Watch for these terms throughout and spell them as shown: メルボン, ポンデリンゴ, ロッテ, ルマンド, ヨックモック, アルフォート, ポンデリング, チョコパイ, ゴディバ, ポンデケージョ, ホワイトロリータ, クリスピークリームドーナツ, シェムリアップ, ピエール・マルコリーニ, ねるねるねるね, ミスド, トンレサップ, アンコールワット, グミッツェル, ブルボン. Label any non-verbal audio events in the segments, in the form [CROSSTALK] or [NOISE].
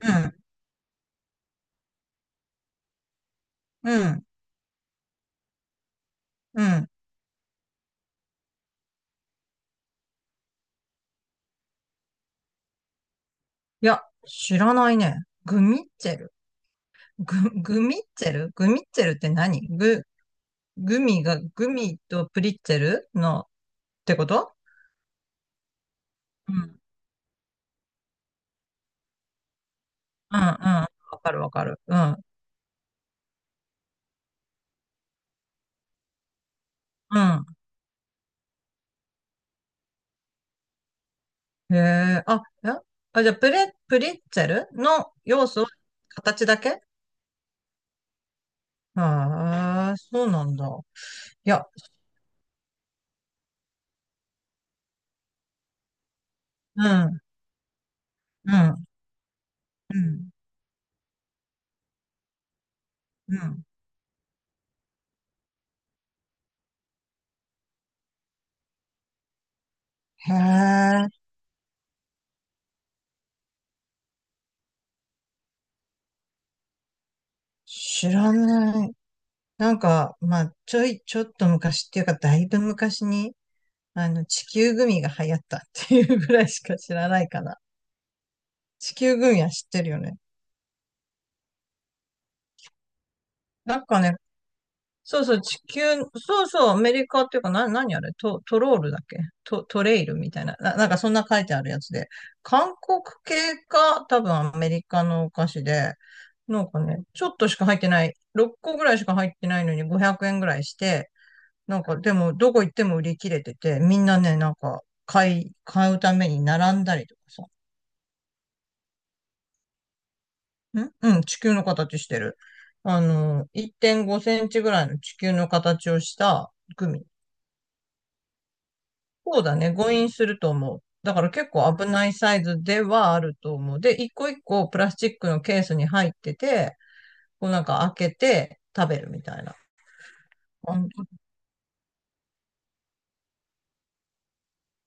うん、うん、うん。いや、知らないね。グミッツェル。グミッツェルって何グミとプリッツェルのってこと？うん、うん、うん。わかるわかる。うん、うん。へえ、あ、じゃあ、プリッツェルの要素、形だけ？ああそうなんだ。いや、うん、うん、うん、うん。へえ、知らない。なんか、まあ、ちょっと昔っていうか、だいぶ昔に、地球グミが流行ったっていうぐらいしか知らないかな。地球グミは知ってるよね。なんかね、そうそう、地球、そうそう、アメリカっていうか、何あれ、トロールだっけ？トレイルみたいな、なんかそんな書いてあるやつで、韓国系か、多分アメリカのお菓子で、なんかね、ちょっとしか入ってない、6個ぐらいしか入ってないのに500円ぐらいして、なんか、でも、どこ行っても売り切れてて、みんなね、なんか、買うために並んだりとかさ。んうん、地球の形してる。あの、1.5センチぐらいの地球の形をしたグミ。そうだね、誤飲すると思う。だから結構危ないサイズではあると思う。で、一個一個プラスチックのケースに入ってて、こうなんか開けて食べるみたいな。あん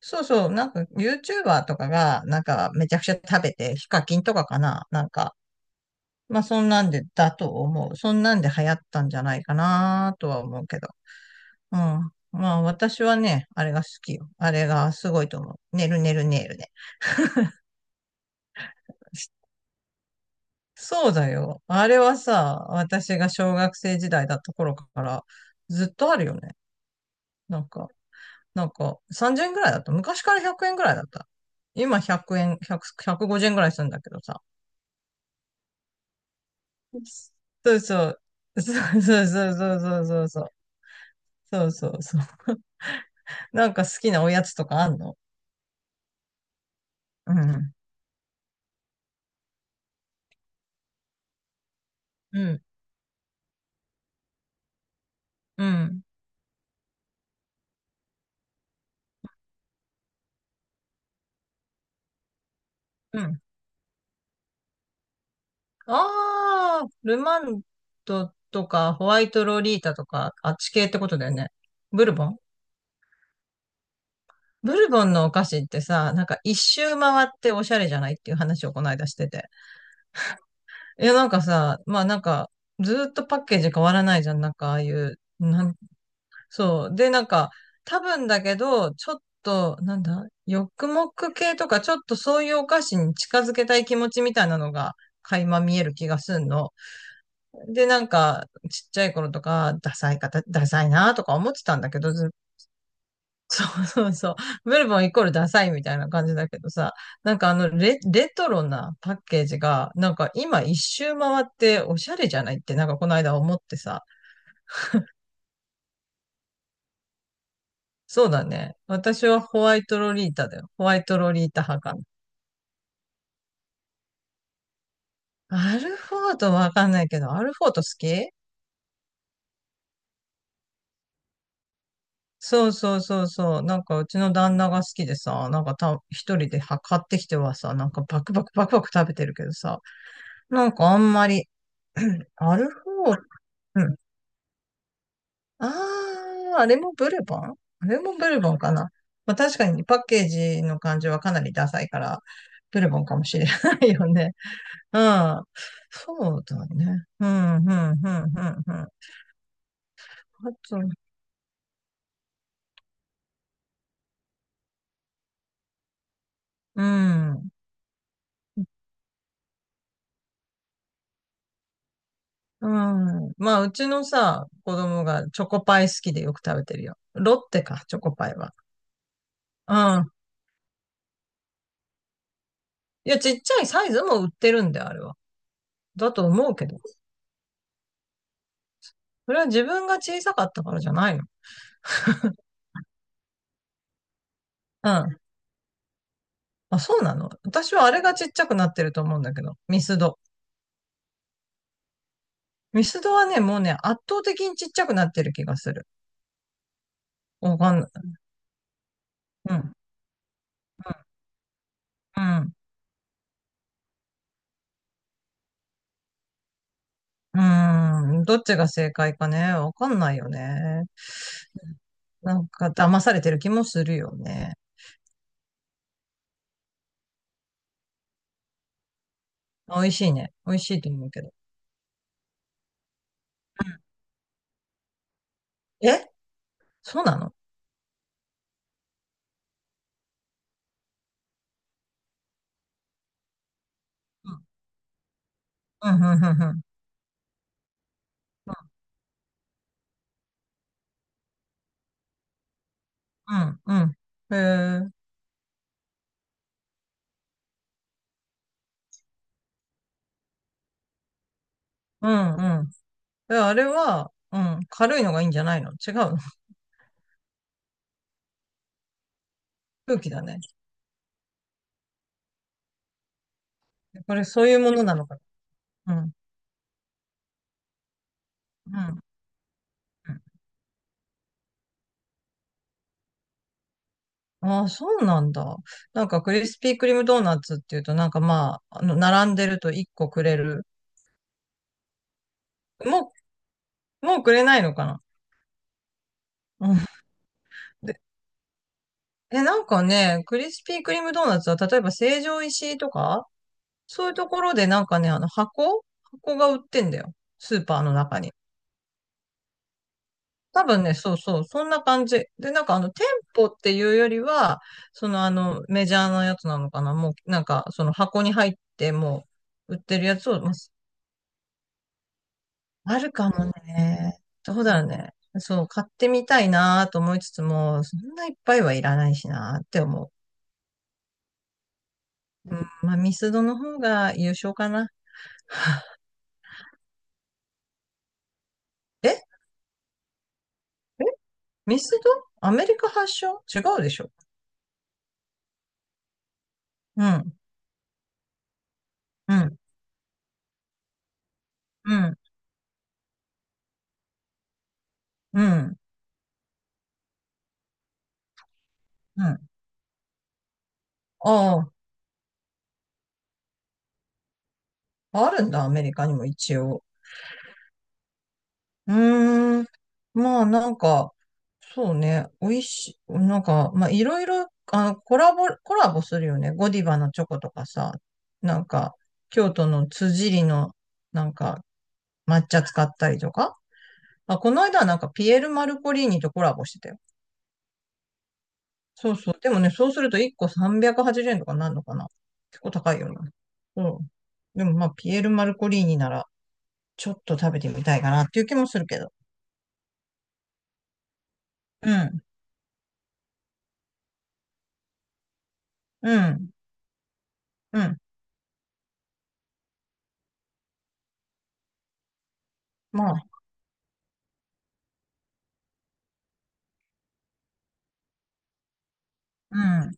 そうそう、なんか YouTuber とかが、なんかめちゃくちゃ食べて、ヒカキンとかかな、なんかまあ、そんなんで、だと思う。そんなんで流行ったんじゃないかなとは思うけど。うん。まあ、私はね、あれが好きよ。あれがすごいと思う。ねるねるねるね。そうだよ。あれはさ、私が小学生時代だった頃からずっとあるよね。なんか、なんか30円ぐらいだった。昔から100円ぐらいだった。今100円、100、150円ぐらいするんだけどさ。そうそう。そうそうそうそうそうそうそう。そうそうそう。なんか好きなおやつとかあんの？うん。うん、うん、うん。ああ、ルマンドとかホワイトロリータとか、あっち系ってことだよね。ブルボン？ブルボンのお菓子ってさ、なんか一周回っておしゃれじゃないっていう話をこの間してて。いや、なんかさ、まあなんか、ずーっとパッケージ変わらないじゃん。なんかああいう、そう。で、なんか、多分だけど、ちょっと、なんだ、ヨックモック系とか、ちょっとそういうお菓子に近づけたい気持ちみたいなのが、垣間見える気がすんの。で、なんか、ちっちゃい頃とか、ダサいなとか思ってたんだけど、ずっと、[LAUGHS] そうそう、メルボンイコールダサいみたいな感じだけどさ、なんかレトロなパッケージが、なんか今一周回っておしゃれじゃないって、なんかこの間思ってさ、そうだね。私はホワイトロリータだよ。ホワイトロリータ派かな。アルフォートわかんないけど、アルフォート好き？そうそうそうそう。なんかうちの旦那が好きでさ、なんか一人では買ってきてはさ、なんかバクバクバクバク食べてるけどさ、なんかあんまり、[CLEARS THROAT] うんアルフォー、うん。あー、あれもブルボン？あれもブルボンかな。まあ確かにパッケージの感じはかなりダサいから、ブルボンかもしれないよね。[LAUGHS] うん。そうだね。うん、うん、うん、うん、うん。あと、うん。うん。まあ、うちのさ、子供がチョコパイ好きでよく食べてるよ。ロッテか、チョコパイは。うん。いや、ちっちゃいサイズも売ってるんで、あれは。だと思うけど。それは自分が小さかったからじゃないの？うん。あ、そうなの？私はあれがちっちゃくなってると思うんだけど。ミスド。ミスドはね、もうね、圧倒的にちっちゃくなってる気がする。わかんない。うん。うん。うん。どっちが正解かね。わかんないよね。なんか騙されてる気もするよね。美味しいね。美味しいと思うけど。うん。えそうなの？うん、うん、うん、うん、うん、うん。うんへえ、うん、うん。え、あれは、うん、軽いのがいいんじゃないの？違うの？ [LAUGHS] 空気だね。これ、そういうものなのかな？うん、うん。うん。ああ、そうなんだ。なんか、クリスピークリームドーナツっていうと、なんかまあ、あの、並んでると1個くれる。ももうくれないのかな？うん。で、え、なんかね、クリスピークリームドーナツは、例えば成城石井とか、そういうところでなんかね、あの箱が売ってんだよ。スーパーの中に。多分ね、そうそう、そんな感じ。で、なんかあの、店舗っていうよりは、そのあの、メジャーなやつなのかな。もう、なんか、その箱に入って、もう、売ってるやつを、まあ、あるかもね。どうだろうね。そう、買ってみたいなと思いつつも、そんないっぱいはいらないしなって思う。うん、まあ、ミスドの方が優勝かな。えミスド？アメリカ発祥違うでしょ？うん、うん、うん。うん。うん。ああ、あるんだ、アメリカにも一応。うーん。まあ、なんか、そうね、美味しい、なんか、まあ、いろいろ、あの、コラボするよね。ゴディバのチョコとかさ、なんか、京都の辻りの、なんか、抹茶使ったりとか。あ、この間はなんか、ピエール・マルコリーニとコラボしてたよ。そうそう。でもね、そうすると1個380円とかなんのかな。結構高いよな。うん。でもまあ、ピエール・マルコリーニなら、ちょっと食べてみたいかなっていう気もするけど。うん、うん、うん。まあ、うん。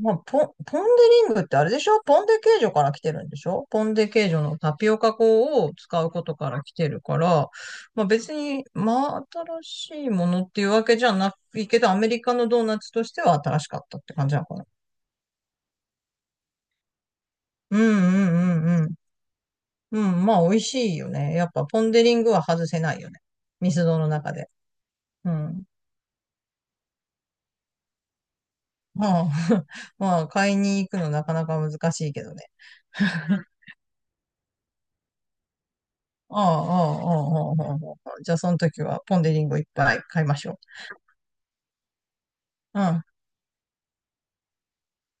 まあ、ポンデリングってあれでしょ？ポンデケージョから来てるんでしょ？ポンデケージョのタピオカ粉を使うことから来てるから、まあ別に、まあ新しいものっていうわけじゃないけど、アメリカのドーナツとしては新しかったって感じなのかな。うんうんうんうん。うん、まあ美味しいよね。やっぱポンデリングは外せないよね。ミスドの中で。うん。まあ、[LAUGHS] まあ、買いに行くのなかなか難しいけどね。[LAUGHS] ああ、ああ、ああ、ああ、ああ。じゃあ、その時はポンデリンゴいっぱい買いましょう。うん。